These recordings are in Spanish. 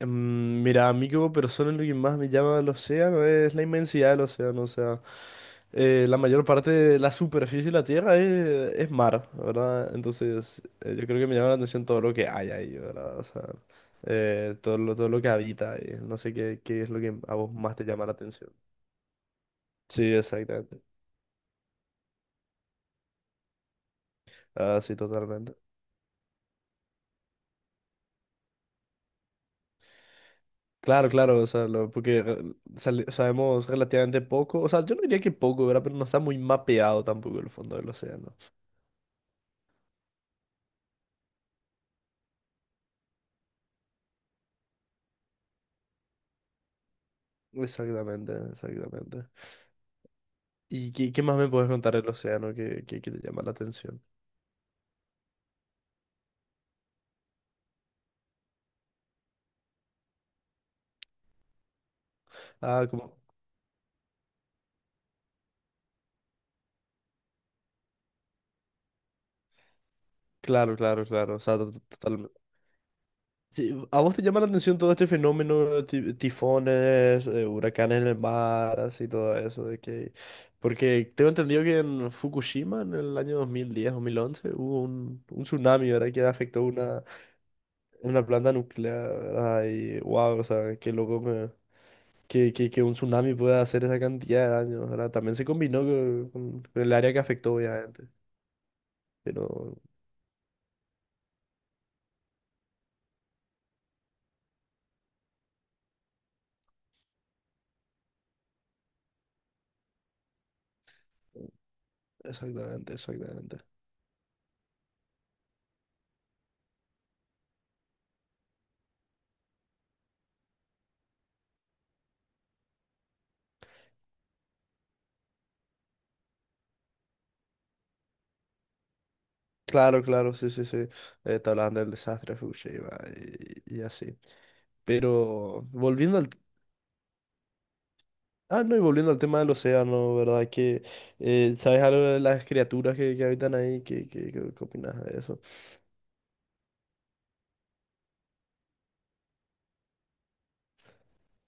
Mira, a mí como persona lo que más me llama el océano es la inmensidad del océano. O sea, la mayor parte de la superficie de la Tierra es mar, ¿verdad? Entonces, yo creo que me llama la atención todo lo que hay ahí, ¿verdad? O sea, todo lo que habita ahí. No sé qué es lo que a vos más te llama la atención. Sí, exactamente. Ah, sí, totalmente. Claro, claro, o sea, porque sabemos relativamente poco. O sea, yo no diría que poco, ¿verdad? Pero no está muy mapeado tampoco el fondo del océano. Exactamente, exactamente. ¿Y qué más me puedes contar del océano que te llama la atención? Ah, como, claro, claro, claro, o sea, totalmente. Sí, ¿a vos te llama la atención todo este fenómeno de tifones, huracanes en el mar, así todo eso? De que... Porque tengo entendido que en Fukushima, en el año 2010, 2011, hubo un tsunami, ¿verdad? Que afectó una planta nuclear, ¿verdad? Y wow, o sea, qué loco me, que un tsunami pueda hacer esa cantidad de daño, ¿verdad? También se combinó con el área que afectó, obviamente. Pero, exactamente, exactamente. Claro, claro, sí, sí, sí. Te hablaban del desastre de Fukushima y así. Pero volviendo al... Ah, no, y volviendo al tema del océano, ¿verdad? Que, ¿sabes algo de las criaturas que habitan ahí? Qué opinas de eso?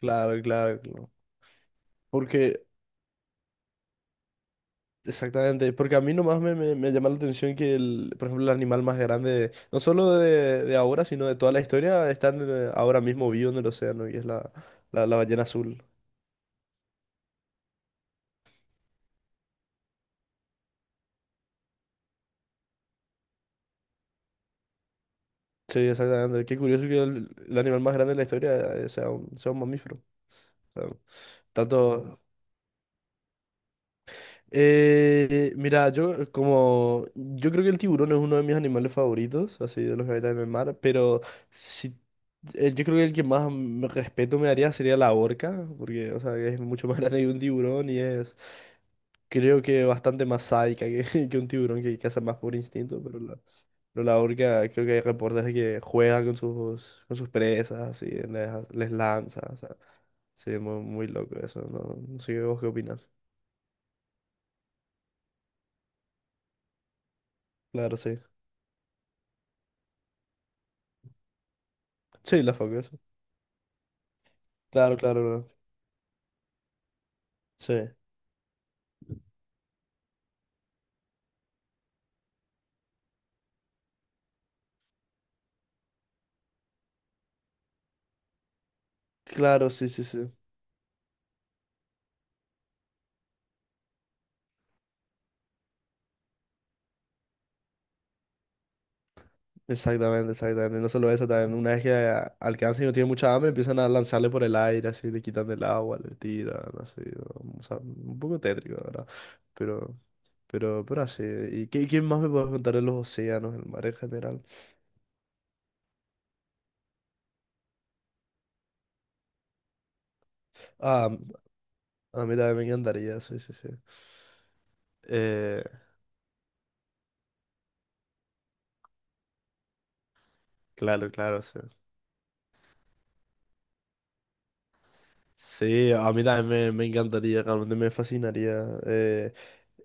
Claro, claro, claro. Porque Exactamente, porque a mí nomás me llama la atención que, el, por ejemplo, el animal más grande, no solo de ahora, sino de toda la historia, está en ahora mismo vivo en el océano y es la ballena azul. Sí, exactamente. Qué curioso que el animal más grande de la historia, sea un mamífero. O sea, tanto, mira, yo, como yo creo que el tiburón es uno de mis animales favoritos, así de los que habitan en el mar, pero si yo creo que el que más respeto me daría sería la orca, porque o sea, es mucho más grande que un tiburón y es creo que bastante más sádica que, que un tiburón que caza más por instinto, pero la orca creo que hay reportes de que juega con sus presas, así les lanza, o sea, sí, muy, muy loco eso, no, no sé vos qué opinas. Claro, sí. Sí, la famosa. Claro, claro, no. Sí. Claro, sí, sí, sí. Exactamente, exactamente. No solo eso, también una vez que alcanza y no tiene mucha hambre, empiezan a lanzarle por el aire, así, le quitan el agua, le tiran, así, ¿no? O sea, un poco tétrico, la ¿verdad? Pero, pero así. ¿Y qué más me puedes contar de los océanos, el mar en general? Ah, a mí también me encantaría, sí, sí, sí. Eh, claro, claro, sí. Sí, a mí también me encantaría, realmente me fascinaría. Eh,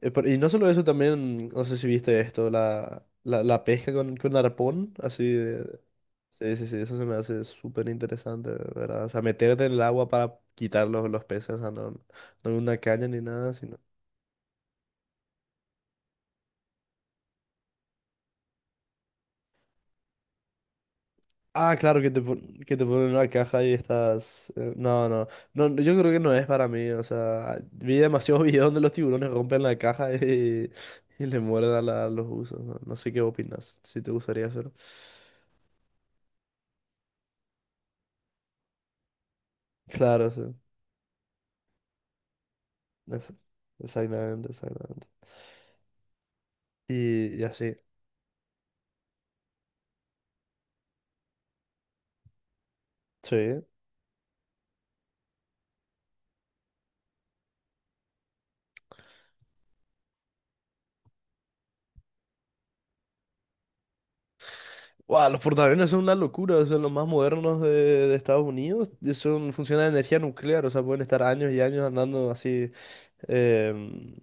Eh, pero- Y no solo eso, también, no sé si viste esto, la pesca con arpón, Sí, sí, sí, eso se me hace súper interesante, de ¿verdad? O sea, meterte en el agua para quitar los peces, o sea, no, no en una caña ni nada, sino... Ah, claro, que te ponen una caja y estás... no, no, no, no, yo creo que no es para mí, o sea, vi demasiados videos donde los tiburones rompen la caja y le muerden a a los usos. No, no sé qué opinas, si te gustaría hacerlo. Claro, sí. Eso, exactamente, exactamente. Y así, sí. Guau, los portaaviones son una locura, son los más modernos de Estados Unidos. Funcionan de energía nuclear, o sea, pueden estar años y años andando así, em,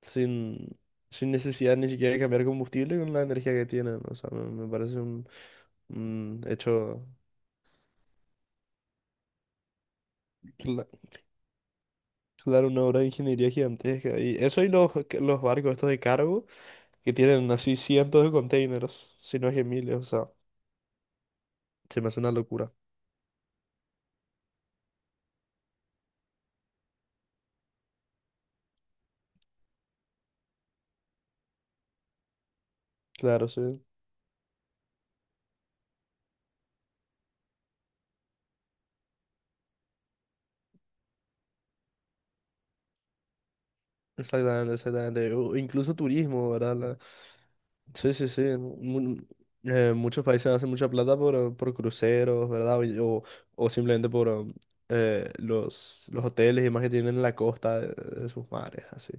sin, sin necesidad ni siquiera de cambiar combustible con la energía que tienen. O sea, me parece un hecho, cla- claro, una obra de ingeniería gigantesca. Y eso y los barcos estos de cargo que tienen así cientos de containers, si no es que miles, o sea. Se me hace una locura. Claro, sí. Exactamente, exactamente. O incluso turismo, ¿verdad? Sí, sí, sí. Muchos países hacen mucha plata por cruceros, ¿verdad? O simplemente por los hoteles y más que tienen en la costa de sus mares, así.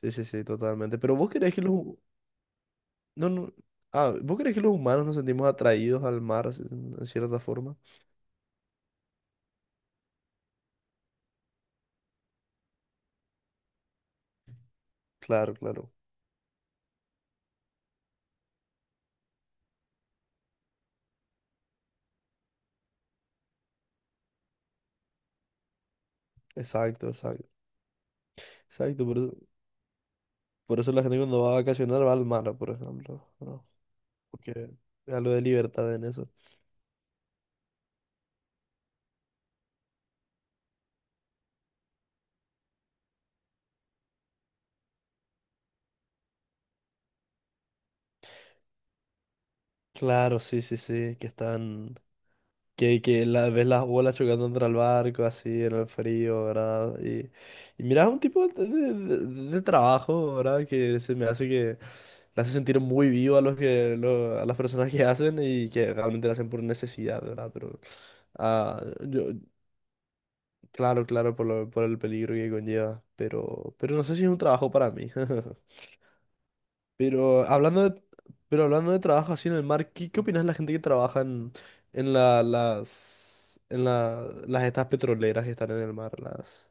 Sí, sí, sí, totalmente. Pero vos creés que los... No, no... Ah, ¿vos creés que los humanos nos sentimos atraídos al mar en cierta forma? Claro, claro. Exacto, exacto. Exacto, por eso. Por eso la gente cuando va a vacacionar va al mar, por ejemplo, ¿no? Porque es algo de libertad en eso. Claro, sí, sí, sí, que están, que la, ves las olas chocando contra el barco, así, en el frío, ¿verdad? Y miras un tipo de trabajo, ¿verdad? Que se me hace que le hace sentir muy vivo a los a las personas que hacen y que realmente lo hacen por necesidad, ¿verdad? Pero, ah, yo, claro, claro, por por el peligro que conlleva, pero no sé si es un trabajo para mí. Pero hablando de, pero hablando de trabajo así en el mar, ¿qué opinas de la gente que trabaja en las estas petroleras que están en el mar,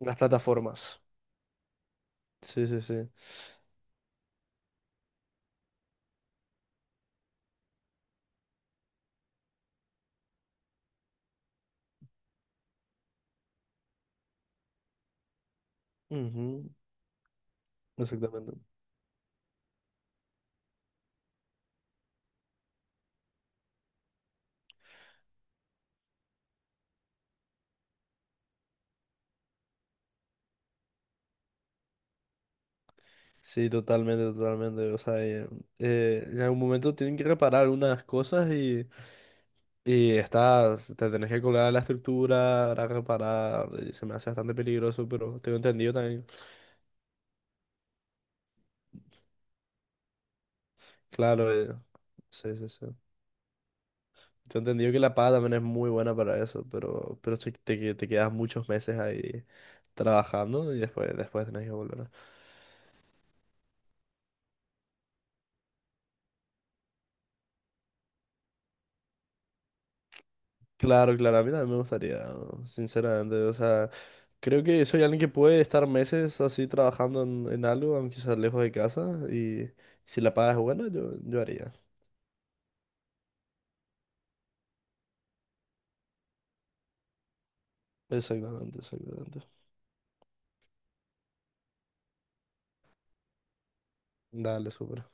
las plataformas? Sí, sí, sí. Ujú. Exactamente. Sí, totalmente, totalmente. O sea, en algún momento tienen que reparar algunas cosas y estás, te tenés que colgar a la estructura para reparar. Y se me hace bastante peligroso, pero tengo entendido también. Claro, sí, sí, sí. Te he entendido que la paga también es muy buena para eso, pero si te quedas muchos meses ahí trabajando y después tenés que volver. Claro, claro, a mí también me gustaría, ¿no? Sinceramente. O sea, creo que soy alguien que puede estar meses así trabajando en algo, aunque sea lejos de casa, y si la paga es buena, yo haría. Exactamente, exactamente. Dale, súper.